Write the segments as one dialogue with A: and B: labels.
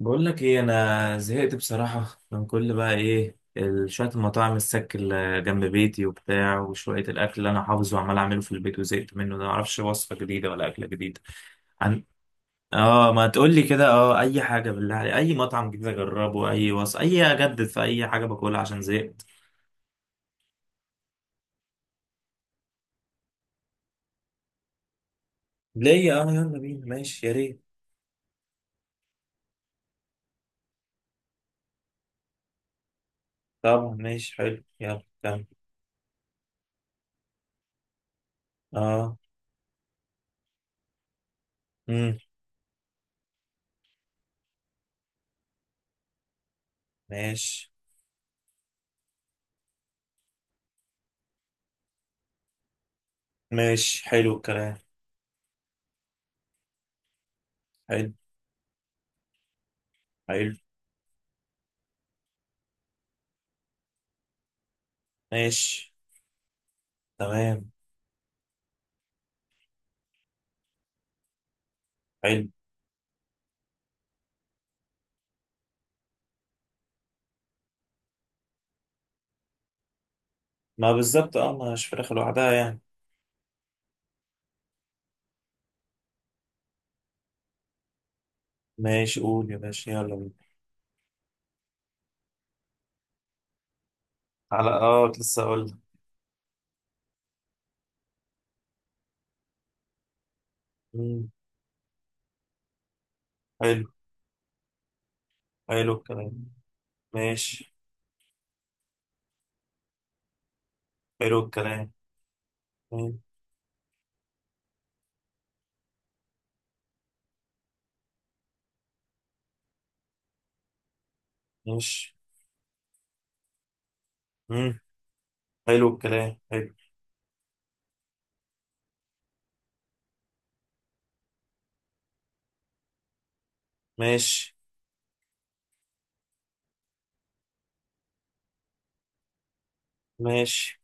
A: بقول لك ايه؟ انا زهقت بصراحه من كل بقى ايه شويه المطاعم السك اللي جنب بيتي وبتاع وشويه الاكل اللي انا حافظه وعمال اعمله في البيت وزهقت منه ده. ما اعرفش وصفه جديده ولا اكله جديده. عن. اه، ما تقول لي كده، اي حاجه بالله عليك، اي مطعم جديد اجربه، اي وصفه، اي اجدد في اي حاجه باكلها عشان زهقت. ليه؟ اه يلا بينا، ماشي يا ريت. طبعا ماشي حلو، يلا كمل. اه. امم. ماشي. ماشي، حلو الكلام. حلو. حلو. ماشي. تمام. حلو. ما بالظبط اه، ما هيش فراخ لوحدها يعني. ماشي قول يا باشا، يلا بينا. على اه، كنت لسه اقول لك. مم، حلو. حلو الكلام. ماشي. حلو الكلام. مم. ماشي. مم. حلو الكلام. حلو. ماشي. ماشي.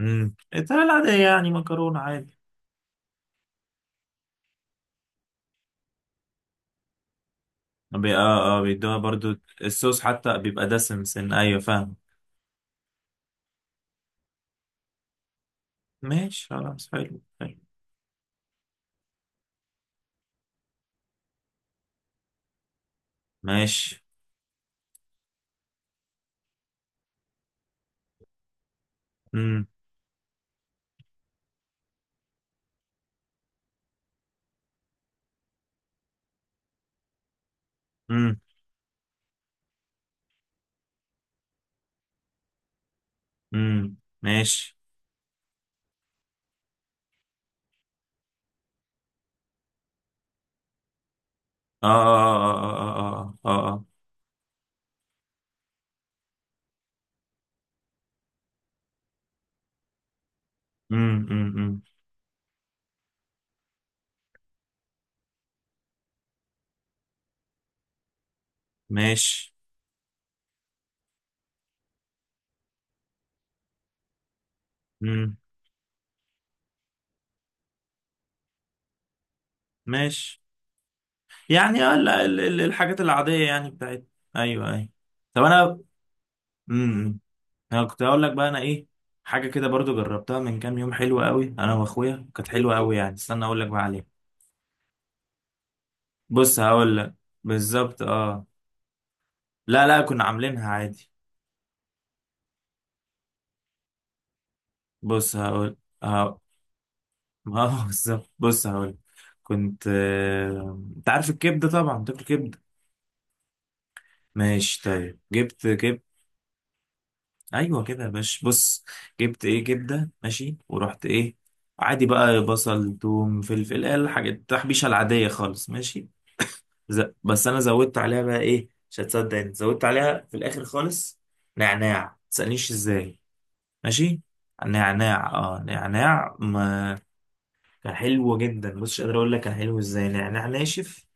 A: امم، الطريقة العادية يعني، مكرونة عادي. اه اه بيدوها برضو. الصوص حتى بيبقى دسم سن، ايوه فاهم. ماشي خلاص، حلو حلو. ماشي. امم. امم. امم. ماشي. اه اه اه اه اه اه اه. امم. ماشي. امم. ماشي. يعني الحاجات العادية يعني بتاعت. ايوه ايوه. طب انا. امم. انا كنت اقول لك بقى، انا ايه. حاجة كده برضو جربتها من كام يوم، حلوة قوي، انا واخويا، كانت حلوة قوي يعني. استنى اقول لك بقى عليها. بص هقول لك. بالظبط اه. لا لا، كنا عاملينها عادي. بص هقول. اه ما هو بالظبط، بص هقول لك. كنت انت عارف الكبدة؟ طبعا تاكل كبدة. ماشي طيب، جبت كبدة. ايوه كده يا باشا، بص. جبت ايه؟ جبده، ماشي، ورحت ايه؟ عادي بقى، بصل توم فلفل، إيه الحاجات التحبيشه العاديه خالص. ماشي. بس انا زودت عليها بقى ايه، مش هتصدق انت، زودت عليها في الاخر خالص. نعناع، متسألنيش ازاي. ماشي. نعناع نعناع، ما كان حلو جدا. بص مش قادر اقول لك كان حلو ازاي. نعناع ناشف،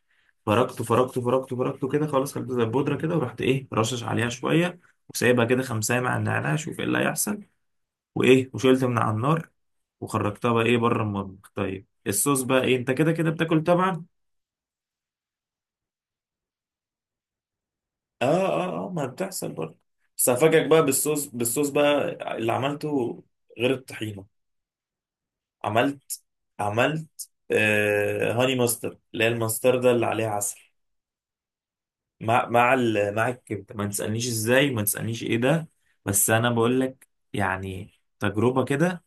A: فركته فركته فركته فركته كده خلاص، خليته زي البودره كده، ورحت ايه، رشش عليها شويه. وسايبها كده خمسة مع النعناع، شوف ايه اللي هيحصل. وايه، وشلت من على النار. وخرجتها بقى ايه بره المطبخ. طيب الصوص بقى ايه، انت كده كده بتاكل طبعا. اه اه اه، ما بتحصل برضه. بس هفاجئك بقى بالصوص، بالصوص بقى اللي عملته، غير الطحينه. عملت. عملت هاني ماستر، اللي هي الماستردة اللي عليها عسل. مع الكبده، ما تسالنيش ازاي، ما تسالنيش ايه ده. بس انا بقول لك يعني، تجربه كده.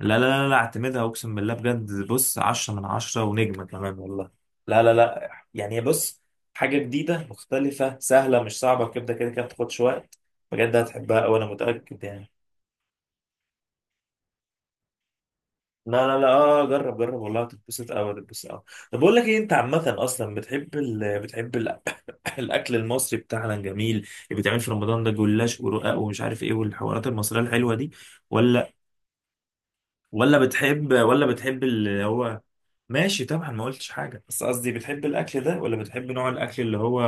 A: لا لا لا لا، اعتمدها، اقسم بالله بجد، بص عشرة من عشرة ونجمة كمان والله. لا لا لا يعني، بص، حاجة جديدة مختلفة سهلة، مش صعبة، كده كده كده بتاخدش وقت. بجد هتحبها أوي، أنا متأكد يعني. لا لا لا، اه جرب جرب، والله هتتبسط أوي، هتتبسط أوي. طب بقول لك إيه، أنت عامة أصلا الأكل المصري بتاعنا الجميل اللي بيتعمل في رمضان، ده جلاش ورقاق ومش عارف إيه، والحوارات المصرية الحلوة دي، ولا ولا بتحب اللي هو. ماشي طبعا، ما قلتش حاجة، بس قصدي بتحب الأكل ده، ولا بتحب نوع الأكل اللي هو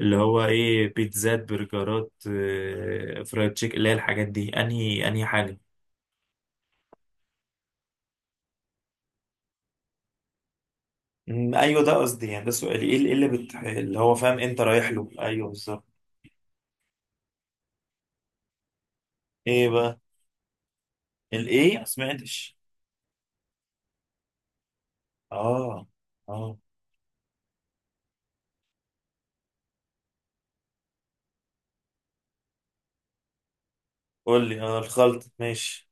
A: اللي هو إيه، بيتزات برجرات فرايد تشيك، اللي هي الحاجات دي، أنهي حاجة؟ أمم، ايوه ده قصدي يعني، ده سؤالي، ايه اللي إيه اللي, بت... اللي هو فاهم انت رايح له، ايوه بالظبط. ايه بقى؟ الايه، ما سمعتش. اه اه قول لي، الخلط، ماشي.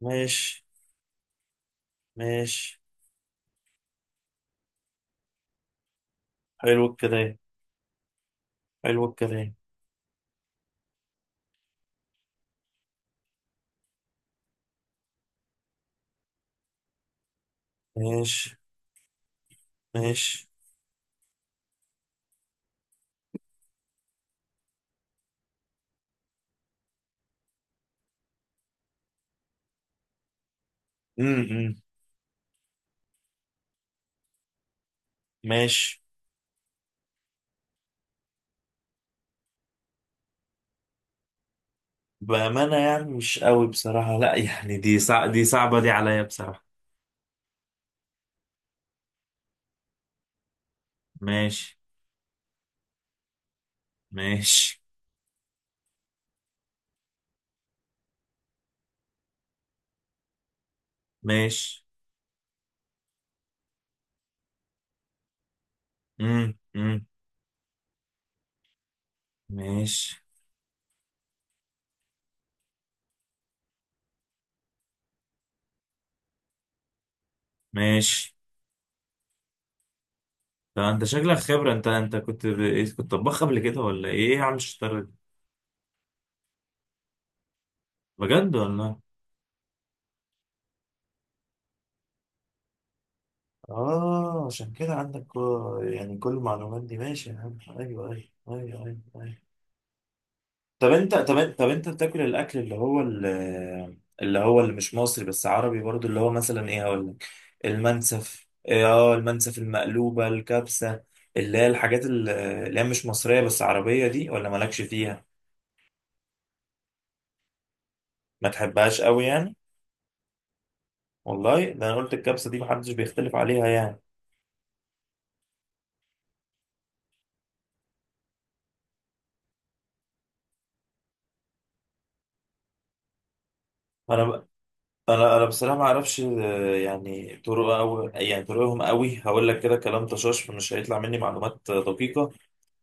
A: ماشي. ماشي. حلو الكلام. حلو الكلام. ماشي. ماشي. امم. أمم. ماشي. بأمانة يعني مش قوي بصراحة، لا يعني، دي صعبة دي عليا بصراحة. ماشي. ماشي. ماشي. امم. امم. ماشي. ماشي. ده انت شكلك خبرة، انت كنت ب... إيه، كنت طباخ قبل كده ولا إيه يا عم الشطارة دي؟ بجد والله. اه عشان كده عندك يعني كل المعلومات دي. ماشي يا عم، ايوه ايوه. ايوه ايوه، أيوة. طب انت بتاكل الاكل اللي هو اللي هو، اللي مش مصري بس عربي برضو، اللي هو مثلا ايه هقول لك، المنسف، إيه، اه المنسف المقلوبة الكبسة، اللي هي الحاجات اللي هي مش مصرية بس عربية دي، ولا مالكش فيها، ما تحبهاش قوي يعني؟ والله ده انا قلت الكبسة دي محدش بيختلف عليها يعني. انا انا بصراحه ما اعرفش يعني طرق، او يعني طرقهم قوي، هقول لك كده كلام طشاش، فمش هيطلع مني معلومات دقيقه.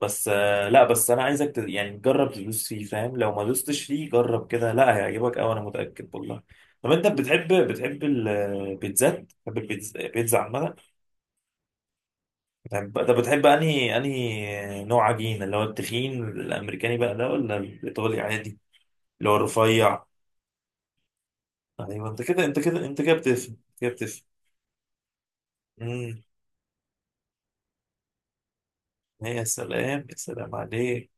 A: بس لا، بس انا عايزك يعني تجرب، تدوس فيه فاهم، لو ما دوستش فيه جرب كده، لا هيعجبك قوي انا متاكد والله. طب انت بتحب البيتزات، بتحب البيتزا، البيتزا عامه بتحب؟ طب بتحب انهي نوع عجين، اللي هو التخين الامريكاني بقى ده، ولا الايطالي عادي اللي هو الرفيع؟ ايوه انت كده انت كده انت كده بتفهم كده. بتفهم. يا سلام يا سلام عليك.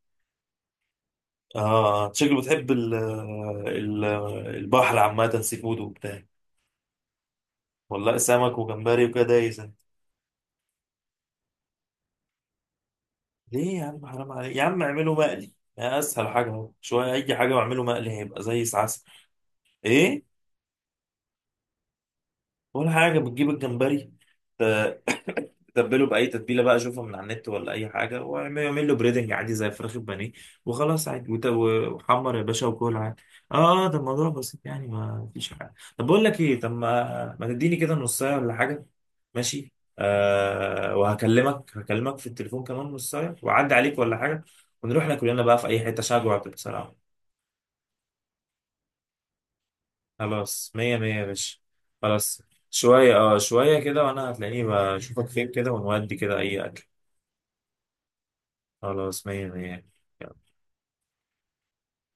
A: اه شكله بتحب ال ال البحر عامة، سي فود وبتاع. والله سمك وجمبري وكده يا انت. ليه يا عم حرام عليك يا عم، اعمله مقلي. يا اسهل حاجة اهو، شوية اي حاجة واعمله مقلي هيبقى زي العسل. ايه؟ ولا حاجة، بتجيب الجمبري، آه، تبله باي تتبيله بقى، اشوفها من على النت ولا اي حاجه، واعمل له بريدنج عادي زي فراخ البانيه، وخلاص عادي، وحمر يا باشا، وكل عادي. اه ده الموضوع بسيط يعني، ما فيش حاجه. طب بقول لك ايه، طب ما تديني كده نص ساعه ولا حاجه. ماشي. وهكلمك، هكلمك في التليفون كمان نص ساعه، واعدي عليك ولا حاجه. ونروح ناكل لنا بقى في اي حته، شجوع بصراحه. خلاص مية مية يا باشا. خلاص، شوية كده وانا هتلاقيني، بشوفك فين كده ونودي كده اي اكل. خلاص مية مية.